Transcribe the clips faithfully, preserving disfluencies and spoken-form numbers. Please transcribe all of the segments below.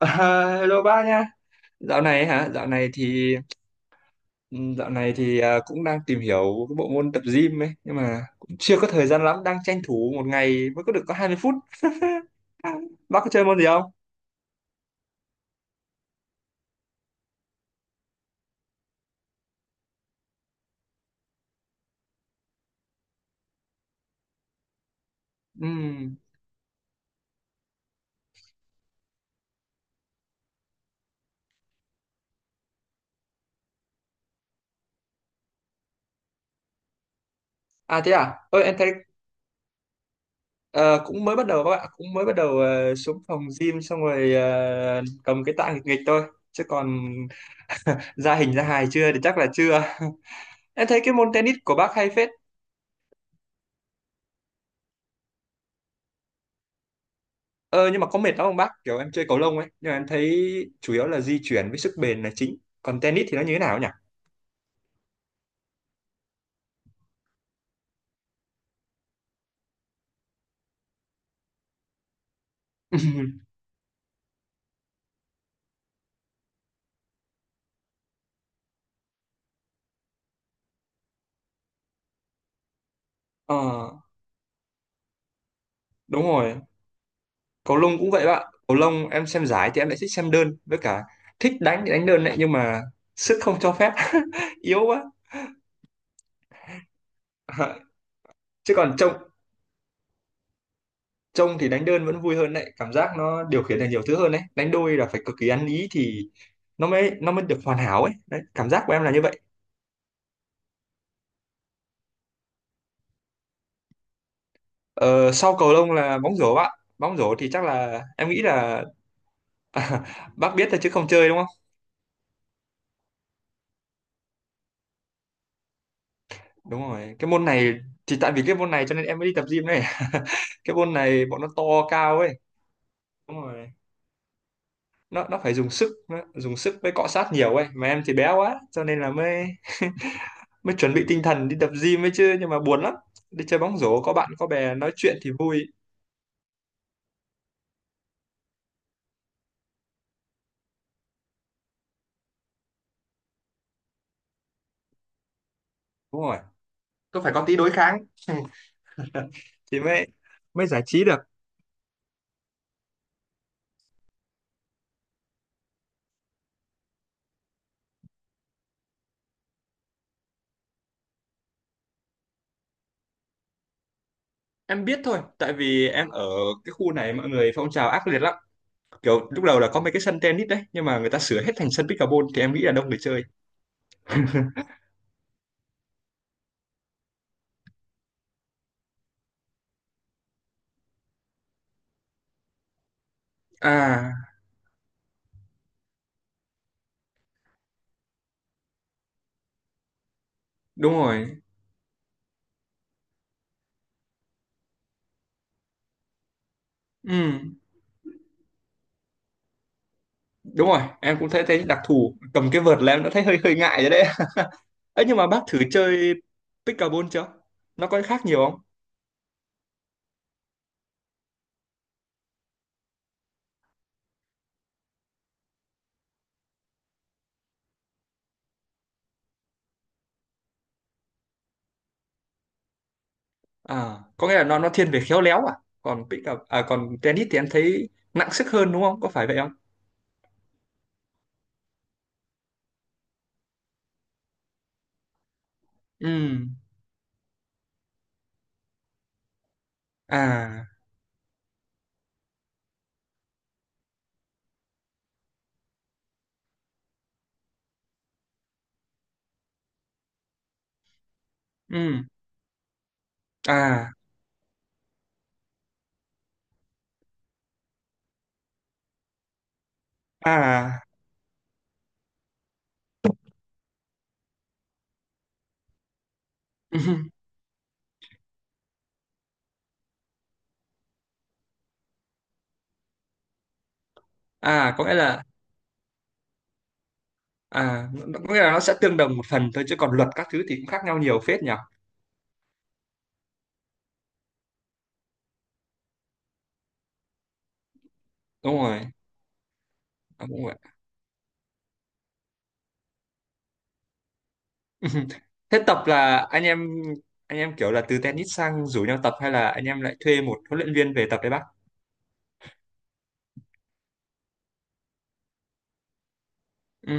À, hello ba nha. Dạo này hả? Dạo này thì ừ, dạo này thì à, cũng đang tìm hiểu cái bộ môn tập gym ấy, nhưng mà cũng chưa có thời gian lắm, đang tranh thủ một ngày mới có được có hai mươi phút. Bác có chơi môn gì không? Ừm. À thế à? Ơi em thấy ờ, cũng mới bắt đầu các bạn, cũng mới bắt đầu ờ, xuống phòng gym xong rồi ờ, cầm cái tạ nghịch nghịch thôi, chứ còn ra hình ra hài chưa thì chắc là chưa. Em thấy cái môn tennis của bác hay phết. Ờ, nhưng mà có mệt lắm không bác? Kiểu em chơi cầu lông ấy, nhưng mà em thấy chủ yếu là di chuyển với sức bền là chính. Còn tennis thì nó như thế nào nhỉ? Ờ, đúng rồi, cầu lông cũng vậy bạn. Cầu lông em xem giải thì em lại thích xem đơn, với cả thích đánh thì đánh đơn đấy, nhưng mà sức không cho phép, yếu quá. Ờ. Chứ còn trông trông thì đánh đơn vẫn vui hơn đấy, cảm giác nó điều khiển được nhiều thứ hơn đấy. Đánh đôi là phải cực kỳ ăn ý thì nó mới nó mới được hoàn hảo ấy. Đấy, cảm giác của em là như vậy. Ờ, sau cầu lông là bóng rổ bạn. Bóng rổ thì chắc là em nghĩ là à, bác biết thôi chứ không chơi đúng không? Đúng rồi. Cái môn này thì tại vì cái môn này cho nên em mới đi tập gym này. Cái môn này bọn nó to cao ấy. Đúng rồi. Nó nó phải dùng sức, nó dùng sức với cọ sát nhiều ấy. Mà em thì bé quá, cho nên là mới mới chuẩn bị tinh thần đi tập gym ấy chứ. Nhưng mà buồn lắm. Đi chơi bóng rổ có bạn có bè nói chuyện thì vui. Đúng rồi. Có phải có tí đối kháng. Thì mới mới giải trí được. Em biết thôi, tại vì em ở cái khu này mọi người phong trào ác liệt lắm. Kiểu lúc đầu là có mấy cái sân tennis đấy, nhưng mà người ta sửa hết thành sân pickleball, thì em nghĩ là đông người chơi. À, đúng rồi. Ừ, đúng rồi, em cũng thấy thấy đặc thù cầm cái vợt là em đã thấy hơi hơi ngại rồi đấy. Ấy nhưng mà bác thử chơi pickleball chưa? Nó có khác nhiều không? À, có nghĩa là nó nó thiên về khéo léo à? Còn pickle à Còn tennis thì em thấy nặng sức hơn đúng không? Có phải vậy không? Ừ. À. Ừ. À. À. à có nghĩa là À, nó- có nghĩa là nó sẽ tương đồng một phần thôi, chứ còn luật các thứ thì cũng khác nhau nhiều phết nhỉ? Đúng rồi, à, đúng rồi. Thế tập là anh em anh em kiểu là từ tennis sang rủ nhau tập, hay là anh em lại thuê một huấn luyện viên về tập đấy bác? Ừ,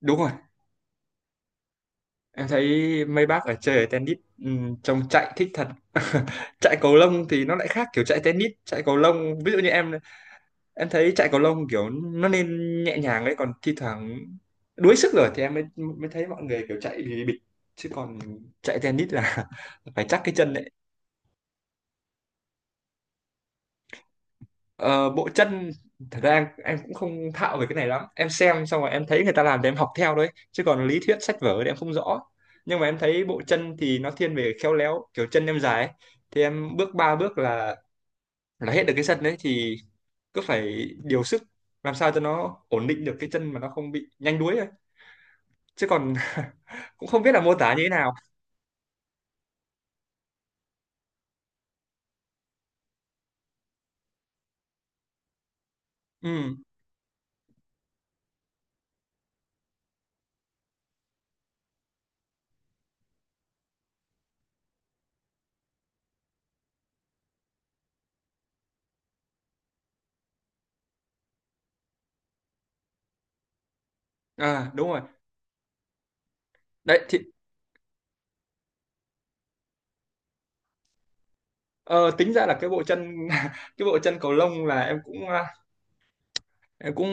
đúng rồi. Em thấy mấy bác ở chơi ở tennis, ừ, trông chạy thích thật. Chạy cầu lông thì nó lại khác kiểu chạy tennis, chạy cầu lông ví dụ như em em thấy chạy cầu lông kiểu nó nên nhẹ nhàng đấy, còn thi thoảng đuối sức rồi thì em mới mới thấy mọi người kiểu chạy thì bịch, chứ còn chạy tennis là phải chắc cái chân đấy. Ờ, bộ chân thật ra em, em cũng không thạo về cái này lắm, em xem xong rồi em thấy người ta làm thì em học theo đấy, chứ còn lý thuyết sách vở thì em không rõ. Nhưng mà em thấy bộ chân thì nó thiên về khéo léo, kiểu chân em dài ấy. Thì em bước ba bước là là hết được cái sân đấy, thì cứ phải điều sức làm sao cho nó ổn định được cái chân mà nó không bị nhanh đuối, chứ còn cũng không biết là mô tả như thế nào. Ừm, À, đúng rồi đấy, thì ờ, tính ra là cái bộ chân cái bộ chân cầu lông là em cũng à, em cũng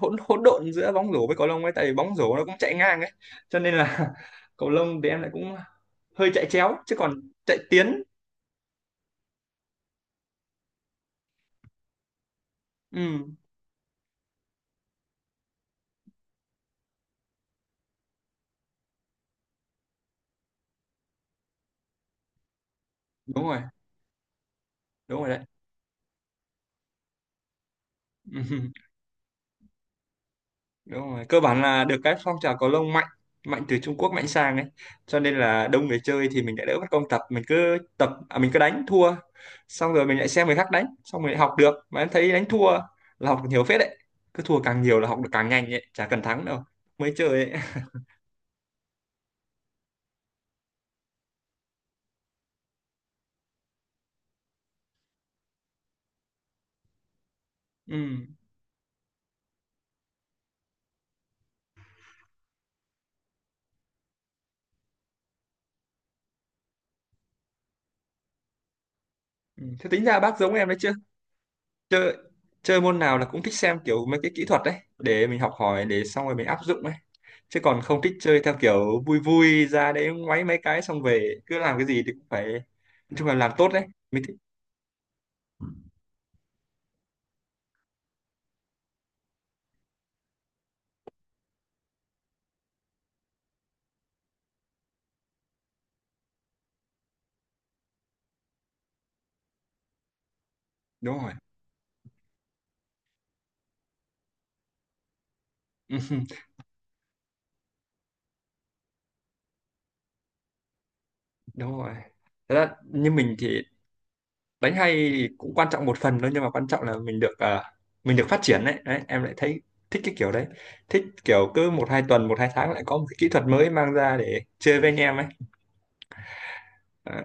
hỗn hỗn độn giữa bóng rổ với cầu lông ấy, tại vì bóng rổ nó cũng chạy ngang ấy, cho nên là cầu lông thì em lại cũng hơi chạy chéo, chứ còn chạy tiến. Ừm. Đúng rồi, đúng rồi. Đấy. Đúng rồi, cơ bản là được cái phong trào cầu lông mạnh, mạnh từ Trung Quốc mạnh sang ấy, cho nên là đông người chơi thì mình lại đỡ mất công tập. Mình cứ tập à, mình cứ đánh thua, xong rồi mình lại xem người khác đánh, xong mình lại học được, mà em thấy đánh thua là học được nhiều phết đấy, cứ thua càng nhiều là học được càng nhanh ấy, chả cần thắng đâu. Mới chơi ấy. Ừ. Ừ. Thế tính ra bác giống em đấy, chưa chơi chơi môn nào là cũng thích xem kiểu mấy cái kỹ thuật đấy để mình học hỏi, để xong rồi mình áp dụng ấy, chứ còn không thích chơi theo kiểu vui vui ra đấy ngoáy mấy cái, xong về cứ làm cái gì thì cũng phải nói chung là làm tốt đấy mới thích. Đúng rồi. Đúng rồi. Thật ra như mình thì đánh hay thì cũng quan trọng một phần thôi, nhưng mà quan trọng là mình được à, mình được phát triển đấy. Đấy em lại thấy thích cái kiểu đấy, thích kiểu cứ một hai tuần một hai tháng lại có một cái kỹ thuật mới mang ra để chơi với anh em ấy. À,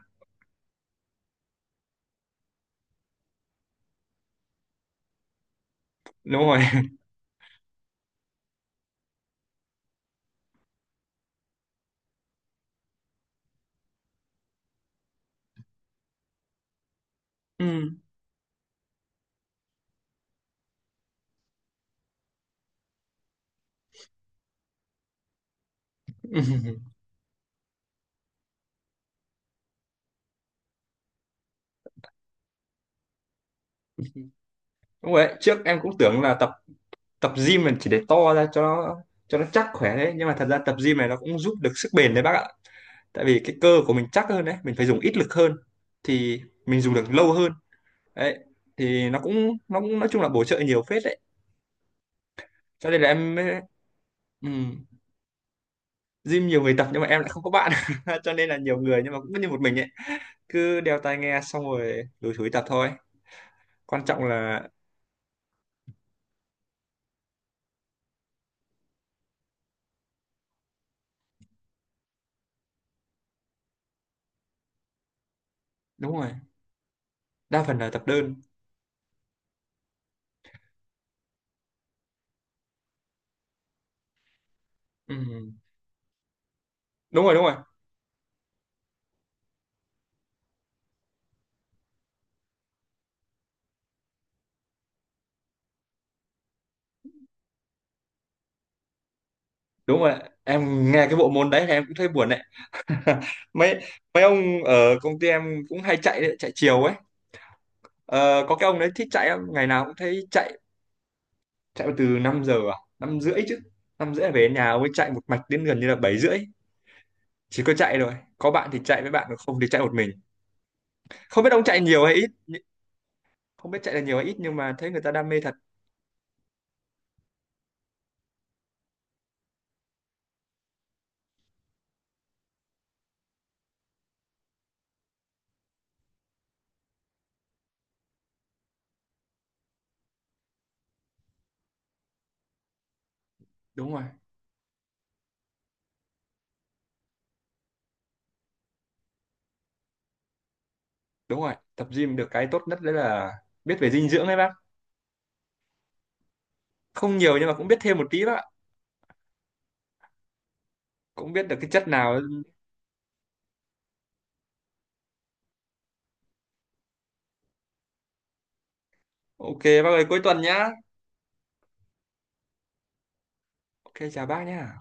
đúng rồi. Ừ. Đúng rồi đấy. Trước em cũng tưởng là tập tập gym mình chỉ để to ra, cho nó, cho nó chắc khỏe đấy, nhưng mà thật ra tập gym này nó cũng giúp được sức bền đấy bác ạ, tại vì cái cơ của mình chắc hơn đấy, mình phải dùng ít lực hơn thì mình dùng được lâu hơn đấy, thì nó cũng nó cũng nói chung là bổ trợ nhiều phết đấy, cho nên là em mới- ừm, gym nhiều người tập nhưng mà em lại không có bạn, cho nên là nhiều người nhưng mà cũng như một mình ấy, cứ đeo tai nghe xong rồi lủi thủi tập thôi. Quan trọng là đúng rồi, đa phần là tập đơn. Ừm. Đúng rồi, đúng rồi. Đúng rồi, em nghe cái bộ môn đấy thì em cũng thấy buồn đấy. mấy mấy ông ở công ty em cũng hay chạy đấy, chạy chiều ấy. Ờ, có cái ông đấy thích chạy lắm, ngày nào cũng thấy chạy, chạy từ năm giờ à năm rưỡi chứ, năm rưỡi là về đến nhà mới chạy một mạch đến gần như là bảy rưỡi, chỉ có chạy, rồi có bạn thì chạy với bạn, còn không thì chạy một mình. Không biết ông chạy nhiều hay ít, không biết chạy là nhiều hay ít, nhưng mà thấy người ta đam mê thật. Đúng rồi, đúng rồi, tập gym được cái tốt nhất đấy là biết về dinh dưỡng đấy bác, không nhiều nhưng mà cũng biết thêm một tí bác ạ, cũng biết được cái chất nào. Ok bác ơi, cuối tuần nhá. Ok, chào bác nhá.